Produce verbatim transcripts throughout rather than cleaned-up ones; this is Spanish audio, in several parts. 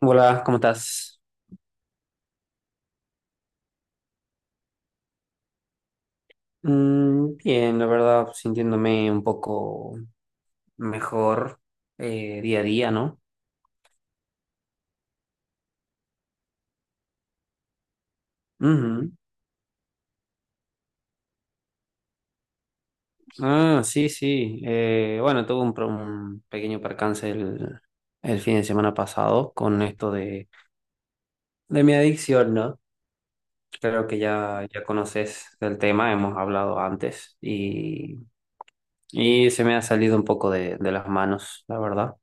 Hola, ¿cómo estás? Mm, bien, la verdad, sintiéndome un poco mejor eh, día a día, ¿no? Ujú. Ah, sí, sí. Eh, bueno, tuve un, pro- un pequeño percance el, el fin de semana pasado con esto de, de mi adicción, ¿no? Creo que ya, ya conoces el tema, hemos hablado antes y, y se me ha salido un poco de, de las manos, la verdad.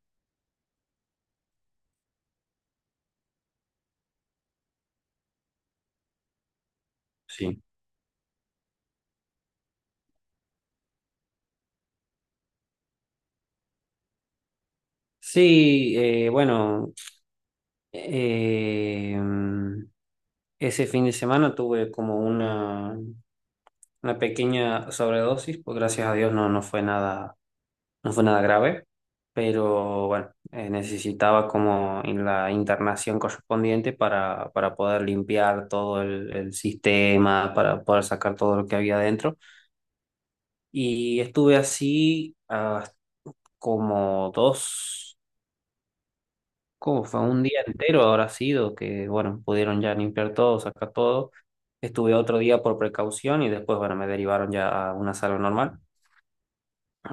Sí. Sí, eh, bueno. Eh, ese fin de semana tuve como una, una pequeña sobredosis, pues gracias a Dios no, no fue nada, no fue nada grave, pero bueno, eh, necesitaba como en la internación correspondiente para, para poder limpiar todo el, el sistema, para poder sacar todo lo que había adentro. Y estuve así ah, como dos. ¿Cómo fue? Un día entero habrá sido que, bueno, pudieron ya limpiar todo, sacar todo. Estuve otro día por precaución y después, bueno, me derivaron ya a una sala normal.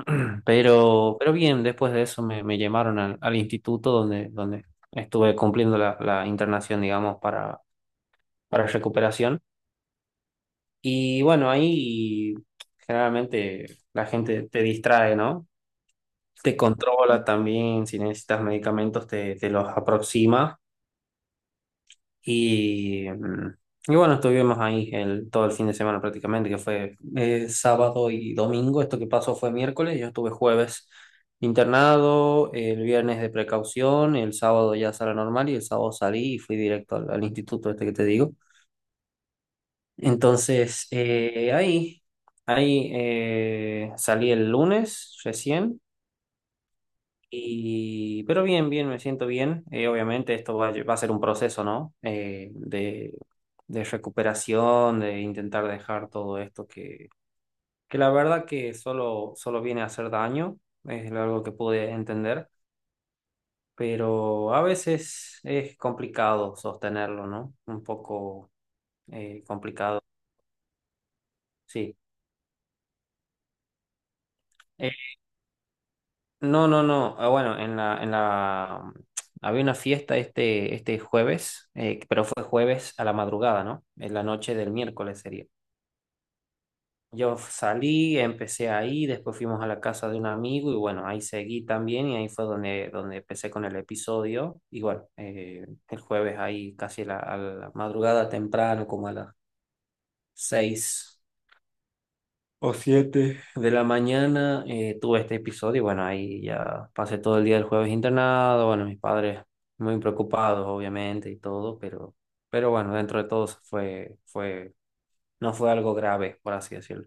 Pero, pero bien, después de eso me, me llamaron al, al instituto donde, donde estuve cumpliendo la, la internación, digamos, para, para recuperación. Y bueno, ahí generalmente la gente te distrae, ¿no? Te controla también, si necesitas medicamentos te, te los aproxima. Y, mm, y bueno, estuvimos ahí el, todo el fin de semana prácticamente, que fue eh, sábado y domingo. Esto que pasó fue miércoles, yo estuve jueves internado, el viernes de precaución, el sábado ya sala normal y el sábado salí y fui directo al, al instituto este que te digo. Entonces, eh, ahí, ahí eh, salí el lunes recién y, pero bien, bien, me siento bien. Eh, obviamente esto va, a lle- va a ser un proceso, ¿no? Eh, de, de recuperación, de intentar dejar todo esto que, que la verdad que solo, solo viene a hacer daño, es algo que pude entender, pero a veces es complicado sostenerlo, ¿no? Un poco eh, complicado, sí. No, no, no. Ah, bueno, en la, en la había una fiesta este, este jueves, eh, pero fue jueves a la madrugada, ¿no? En la noche del miércoles sería. Yo salí, empecé ahí, después fuimos a la casa de un amigo y bueno, ahí seguí también y ahí fue donde, donde empecé con el episodio. Y bueno, eh, el jueves ahí casi a la, a la madrugada temprano, como a las seis o siete de la mañana eh, tuve este episodio y bueno, ahí ya pasé todo el día del jueves internado, bueno, mis padres muy preocupados obviamente y todo, pero, pero bueno, dentro de todo fue, fue, no fue algo grave, por así decirlo.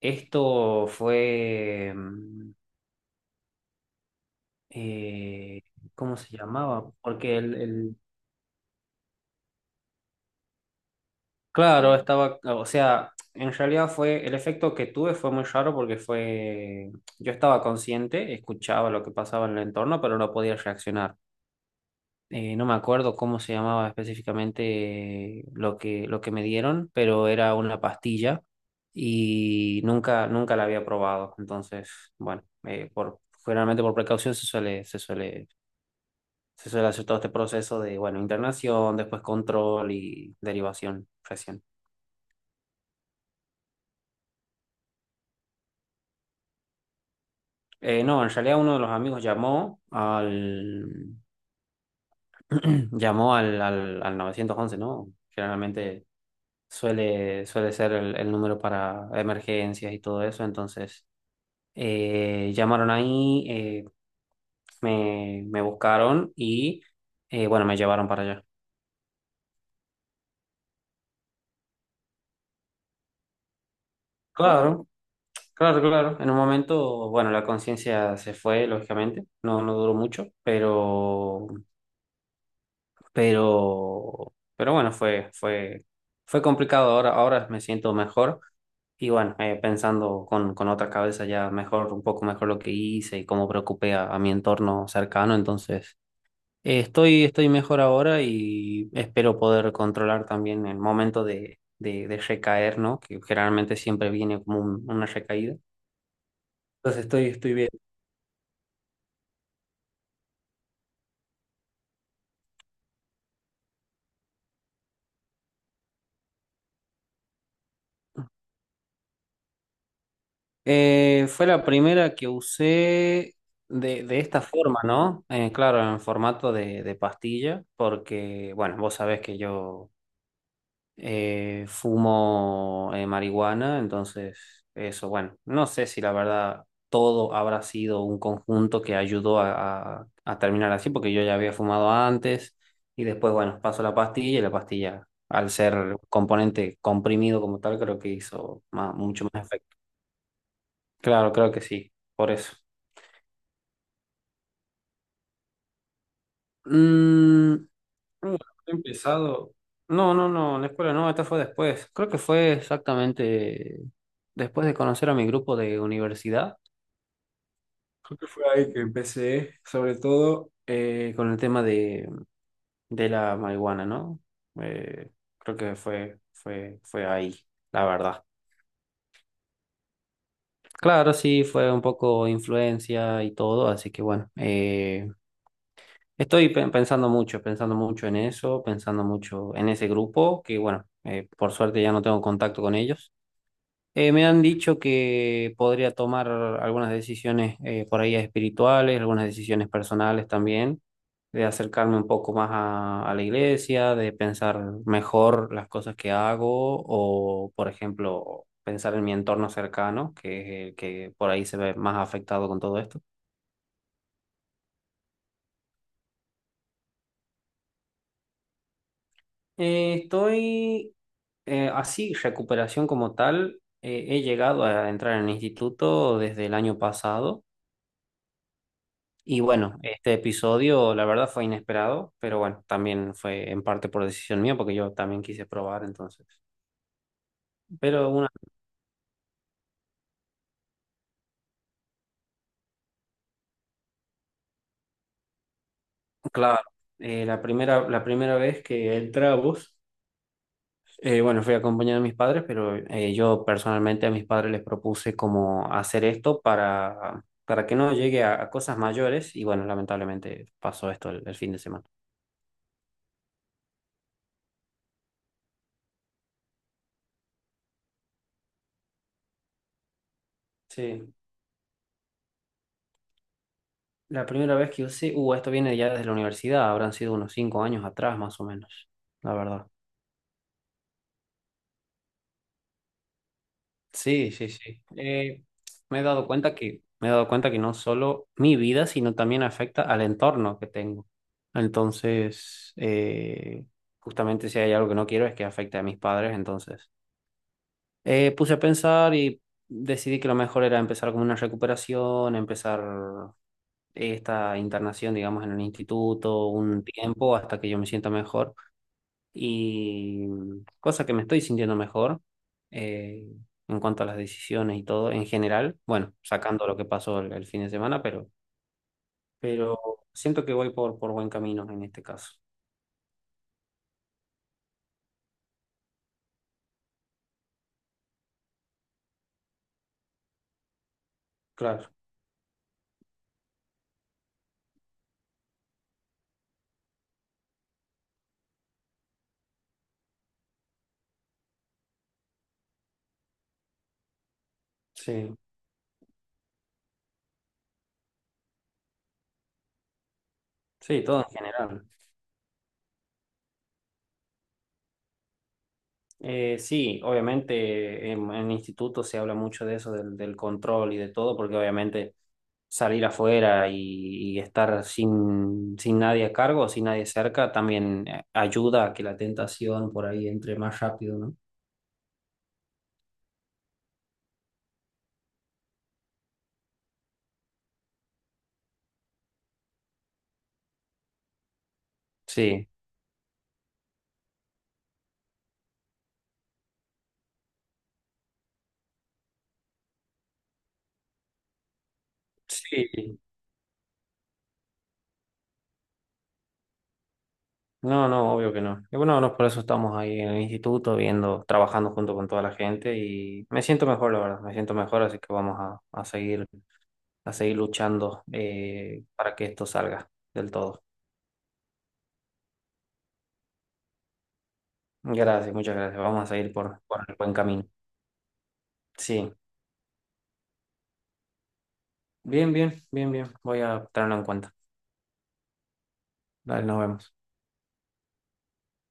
Esto fue, mm, eh, ¿cómo se llamaba? Porque el, el, claro, estaba, o sea, en realidad fue, el efecto que tuve fue muy raro porque fue, yo estaba consciente, escuchaba lo que pasaba en el entorno, pero no podía reaccionar. Eh, no me acuerdo cómo se llamaba específicamente lo que, lo que me dieron, pero era una pastilla y nunca, nunca la había probado. Entonces, bueno, eh, por, generalmente por precaución se suele, se suele, se suele hacer todo este proceso de, bueno, internación, después control y derivación recién. Eh, no, en realidad uno de los amigos llamó al llamó al, al, al novecientos once, ¿no? Generalmente suele, suele ser el, el número para emergencias y todo eso. Entonces, eh, llamaron ahí, eh, me, me buscaron y eh, bueno, me llevaron para allá. Claro, claro, claro. En un momento, bueno, la conciencia se fue, lógicamente. No, no duró mucho, pero pero, pero bueno, fue, fue, fue complicado. Ahora, ahora me siento mejor. Y bueno, eh, pensando con, con otra cabeza ya mejor, un poco mejor lo que hice y cómo preocupé a, a mi entorno cercano. Entonces, eh, estoy, estoy mejor ahora y espero poder controlar también el momento de, de, de recaer, ¿no? Que generalmente siempre viene como un- una recaída. Entonces, estoy, estoy bien. Eh, fue la primera que usé de, de esta forma, ¿no? Eh, claro, en formato de, de pastilla, porque, bueno, vos sabés que yo eh, fumo eh, marihuana, entonces eso, bueno, no sé si la verdad todo habrá sido un conjunto que ayudó a, a- a terminar así, porque yo ya había fumado antes y después, bueno, paso la pastilla y la pastilla, al ser componente comprimido como tal, creo que hizo más- mucho más. Claro, creo que sí, por eso. Mm, bueno, he empezado. No, no, no, en la escuela no, esta fue después. Creo que fue exactamente después de conocer a mi grupo de universidad. Fue ahí que empecé, sobre todo eh, con el tema de, de la marihuana, ¿no? Eh, creo que fue, fue, fue ahí, la verdad. Claro, sí, fue un poco influencia y todo, así que bueno. eh, Estoy pe- pensando mucho, pensando mucho en eso, pensando mucho en ese grupo, que bueno, eh, por suerte ya no tengo contacto con ellos. Eh, me han dicho que podría tomar algunas decisiones eh, por ahí espirituales, algunas decisiones personales también, de acercarme un poco más a, a la iglesia, de pensar mejor las cosas que hago o, por ejemplo, pensar en mi entorno cercano, que es el que por ahí se ve más afectado con todo esto. Eh, estoy Eh, así, recuperación como tal, eh, he llegado a entrar en el instituto desde el año pasado y bueno, este episodio la verdad fue inesperado, pero bueno, también fue en parte por decisión mía porque yo también quise probar entonces. Pero una, claro, eh, la primera, la primera vez que entramos, eh, bueno, fui acompañado de mis padres, pero eh, yo personalmente a mis padres les propuse como hacer esto para, para que no llegue a, a cosas mayores y bueno, lamentablemente pasó esto el el fin de semana. Sí, la primera vez que usé, uh, esto viene ya desde la universidad, habrán sido unos cinco años atrás más o menos, la verdad. Sí, sí, sí. Eh, me he dado cuenta que, me he dado cuenta que no solo mi vida, sino también afecta al entorno que tengo. Entonces, eh, justamente si hay algo que no quiero es que afecte a mis padres, entonces. eh, puse a pensar y decidí que lo mejor era empezar como una recuperación, empezar esta internación, digamos, en un instituto, un tiempo hasta que yo me sienta mejor. Y cosa que me estoy sintiendo mejor eh, en cuanto a las decisiones y todo en general, bueno, sacando lo que pasó el, el fin de semana, pero, pero siento que voy por, por buen camino en este caso. Claro, sí, sí, todo en general. Eh, sí, obviamente en, en instituto se habla mucho de eso, del, del control y de todo, porque obviamente salir afuera y, y estar sin, sin nadie a cargo, sin nadie cerca, también eh, ayuda a que la tentación por ahí entre más rápido, ¿no? Sí, sí. No, no, obvio que no. Y bueno, no, por eso estamos ahí en el instituto, viendo, trabajando junto con toda la gente y me siento mejor, la verdad, me siento mejor, así que vamos a, a seguir, a seguir luchando eh, para que esto salga del todo. Gracias, muchas gracias. Vamos a seguir por, por el buen camino. Sí, bien, bien, bien, bien. Voy a tenerlo en cuenta. Dale, nos vemos.